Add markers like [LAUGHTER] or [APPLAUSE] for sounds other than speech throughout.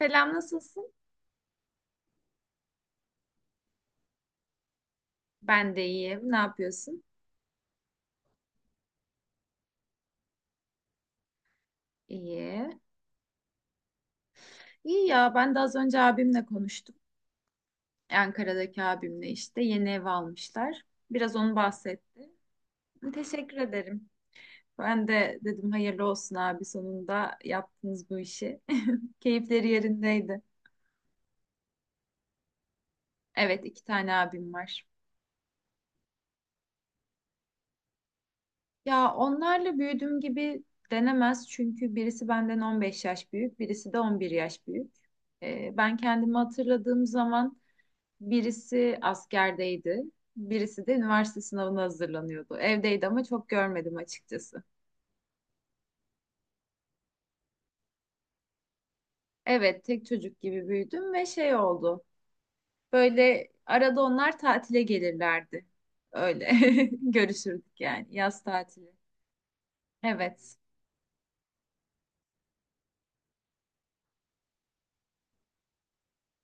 Selam nasılsın? Ben de iyiyim. Ne yapıyorsun? İyi. İyi ya ben de az önce abimle konuştum. Ankara'daki abimle işte yeni ev almışlar. Biraz onu bahsetti. Teşekkür ederim. Ben de dedim hayırlı olsun abi sonunda yaptınız bu işi. [LAUGHS] Keyifleri yerindeydi. Evet iki tane abim var. Ya onlarla büyüdüm gibi denemez çünkü birisi benden 15 yaş büyük, birisi de 11 yaş büyük. Ben kendimi hatırladığım zaman birisi askerdeydi. Birisi de üniversite sınavına hazırlanıyordu. Evdeydi ama çok görmedim açıkçası. Evet, tek çocuk gibi büyüdüm ve şey oldu. Böyle arada onlar tatile gelirlerdi. Öyle [LAUGHS] görüşürdük yani yaz tatili. Evet.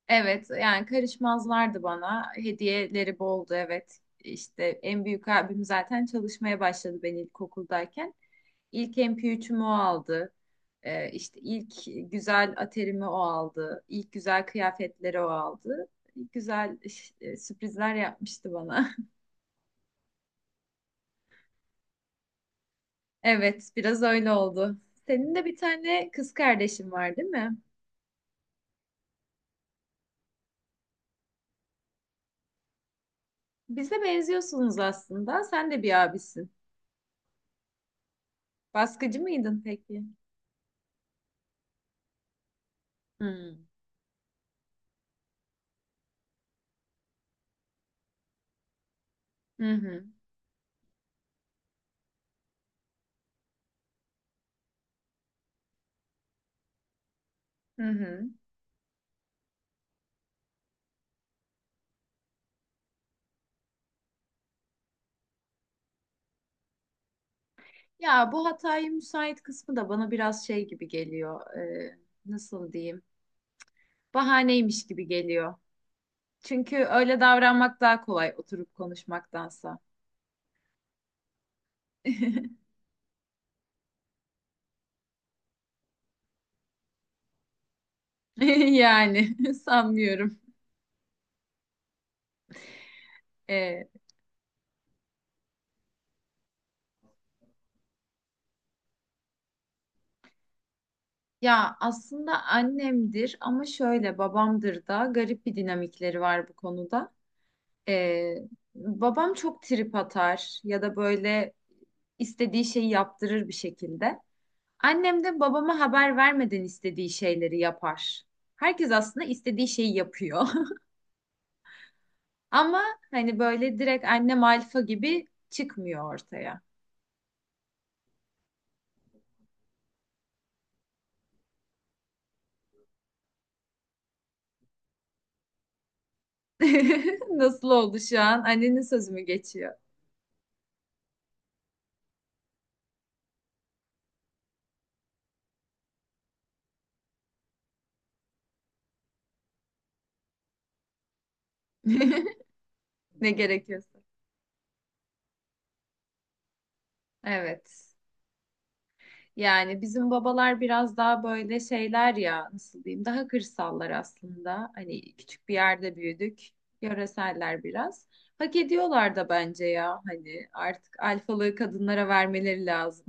Evet yani karışmazlardı bana. Hediyeleri boldu evet. İşte en büyük abim zaten çalışmaya başladı ben ilkokuldayken. İlk MP3'ümü o aldı. İşte ilk güzel aterimi o aldı. İlk güzel kıyafetleri o aldı. Güzel sürprizler yapmıştı bana. [LAUGHS] Evet, biraz öyle oldu. Senin de bir tane kız kardeşin var, değil mi? Bize benziyorsunuz aslında. Sen de bir abisin. Baskıcı mıydın peki? Hmm. Hı hı. Hı hı. Ya bu hataya müsait kısmı da bana biraz şey gibi geliyor. Nasıl diyeyim? Bahaneymiş gibi geliyor. Çünkü öyle davranmak daha kolay oturup konuşmaktansa. [LAUGHS] Yani [LAUGHS] sanmıyorum. Ee, ya aslında annemdir ama şöyle babamdır da garip bir dinamikleri var bu konuda. Ee, babam çok trip atar ya da böyle istediği şeyi yaptırır bir şekilde. Annem de babama haber vermeden istediği şeyleri yapar. Herkes aslında istediği şeyi yapıyor. [LAUGHS] Ama hani böyle direkt annem alfa gibi çıkmıyor ortaya. [LAUGHS] Nasıl oldu şu an? Annenin sözü mü geçiyor? [LAUGHS] Ne gerekiyorsa. Evet. Yani bizim babalar biraz daha böyle şeyler ya nasıl diyeyim daha kırsallar aslında. Hani küçük bir yerde büyüdük. Yöreseller biraz. Hak ediyorlar da bence ya hani artık alfalığı kadınlara vermeleri lazım.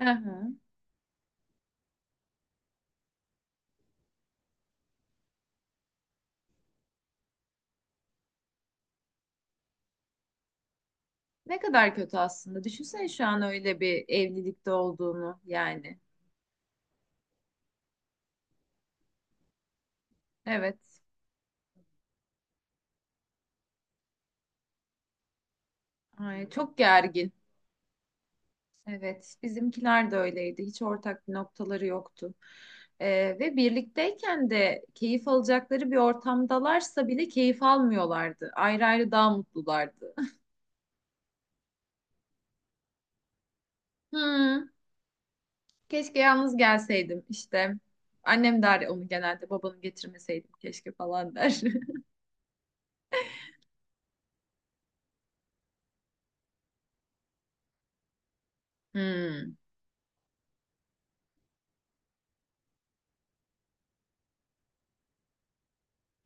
Hı hı. Ne kadar kötü aslında. Düşünsene şu an öyle bir evlilikte olduğunu yani. Evet. Ay, çok gergin. Evet, bizimkiler de öyleydi. Hiç ortak bir noktaları yoktu. Ve birlikteyken de keyif alacakları bir ortamdalarsa bile keyif almıyorlardı. Ayrı ayrı daha mutlulardı. Hmm, keşke yalnız gelseydim işte. Annem der onu genelde babanı getirmeseydim keşke falan der. [LAUGHS] Hmm.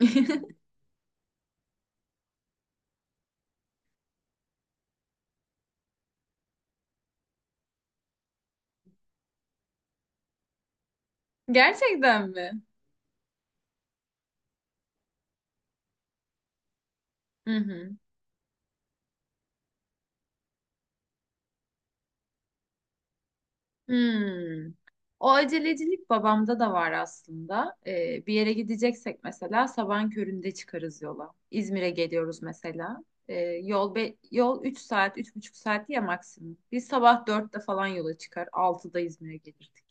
[LAUGHS] Gerçekten mi? Hı hı. Hmm. O acelecilik babamda da var aslında. Bir yere gideceksek mesela sabahın köründe çıkarız yola. İzmir'e geliyoruz mesela. Yol yol 3 saat, üç buçuk saat ya maksimum. Biz sabah dörtte falan yola çıkar, altıda İzmir'e gelirdik.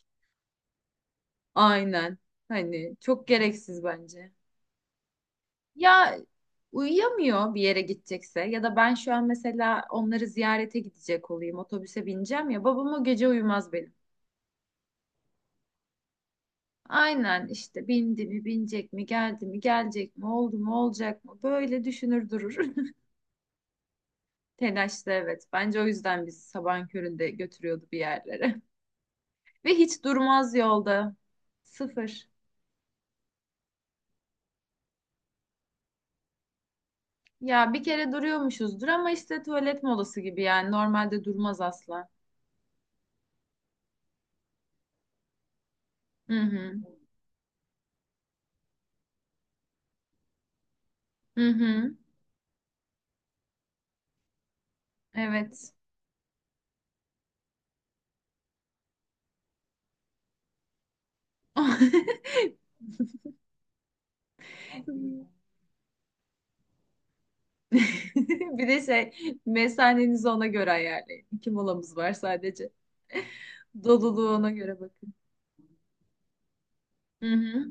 Aynen. Hani çok gereksiz bence. Ya uyuyamıyor bir yere gidecekse ya da ben şu an mesela onları ziyarete gidecek olayım, otobüse bineceğim ya babam o gece uyumaz benim. Aynen işte bindi mi binecek mi geldi mi gelecek mi oldu mu olacak mı böyle düşünür durur. [LAUGHS] Telaşlı evet. Bence o yüzden bizi sabahın köründe götürüyordu bir yerlere. [LAUGHS] Ve hiç durmaz yolda. Sıfır. Ya bir kere duruyormuşuzdur ama işte tuvalet molası gibi yani normalde durmaz asla. Hı hı. Hı hı. Evet. [LAUGHS] Bir de şey mesanenizi ona göre ayarlayın. İki molamız var sadece. Doluluğu ona göre bakın. Hı hı.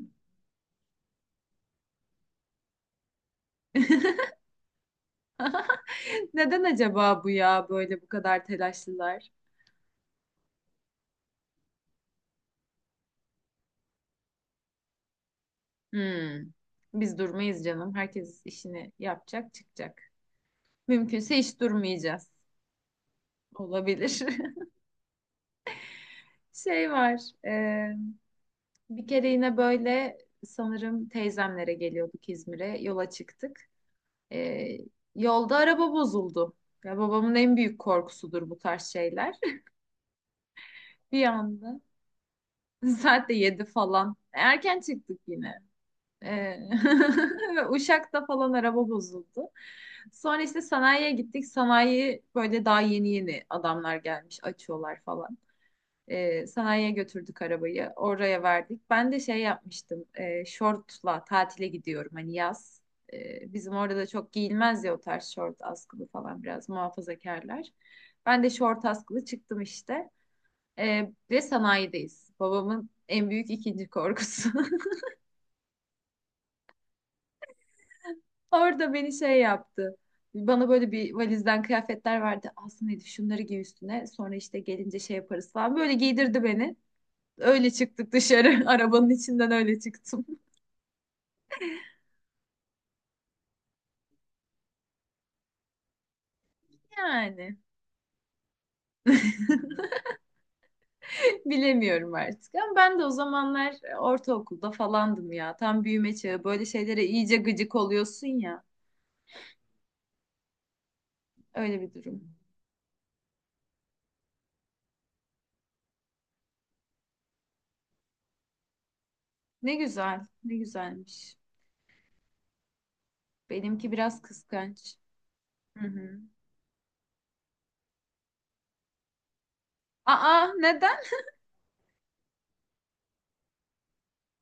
[LAUGHS] Neden acaba bu ya böyle bu kadar telaşlılar? Hmm. Biz durmayız canım. Herkes işini yapacak, çıkacak. Mümkünse hiç durmayacağız. Olabilir. [LAUGHS] Şey var. e, Bir kere yine böyle sanırım teyzemlere geliyorduk İzmir'e. Yola çıktık. E, yolda araba bozuldu. Ya babamın en büyük korkusudur bu tarz şeyler. [LAUGHS] Bir anda. [LAUGHS] Saat de yedi falan. Erken çıktık yine. Ee, [LAUGHS] ve Uşak'ta falan araba bozuldu. Sonra işte sanayiye gittik. Sanayi böyle daha yeni yeni adamlar gelmiş açıyorlar falan. Sanayiye götürdük arabayı. Oraya verdik. Ben de şey yapmıştım. Şortla tatile gidiyorum hani yaz. Bizim orada da çok giyilmez ya o tarz şort askılı falan biraz muhafazakarlar. Ben de şort askılı çıktım işte. Ve sanayideyiz. Babamın en büyük ikinci korkusu. [LAUGHS] Orada beni şey yaptı. Bana böyle bir valizden kıyafetler verdi. Aslında dedi şunları giy üstüne. Sonra işte gelince şey yaparız falan. Böyle giydirdi beni. Öyle çıktık dışarı. [LAUGHS] Arabanın içinden öyle çıktım. Yani [LAUGHS] bilemiyorum artık. Ama ben de o zamanlar ortaokulda falandım ya. Tam büyüme çağı. Böyle şeylere iyice gıcık oluyorsun ya. Öyle bir durum. Ne güzel. Ne güzelmiş. Benimki biraz kıskanç. Hı hı. Aa neden?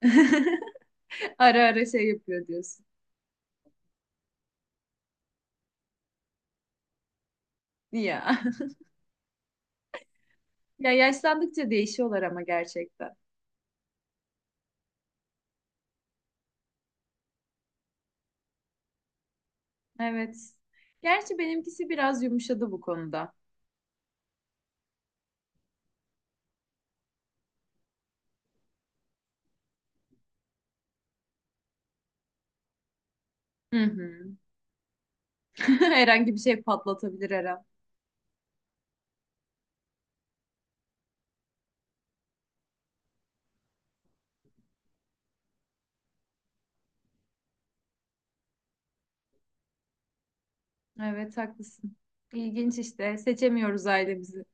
[LAUGHS] Ara ara şey yapıyor diyorsun. Ya. Ya yaşlandıkça değişiyorlar ama gerçekten. Evet. Gerçi benimkisi biraz yumuşadı bu konuda. Hı hı. [LAUGHS] Herhangi bir şey patlatabilir her an. Evet haklısın. İlginç işte. Seçemiyoruz ailemizi.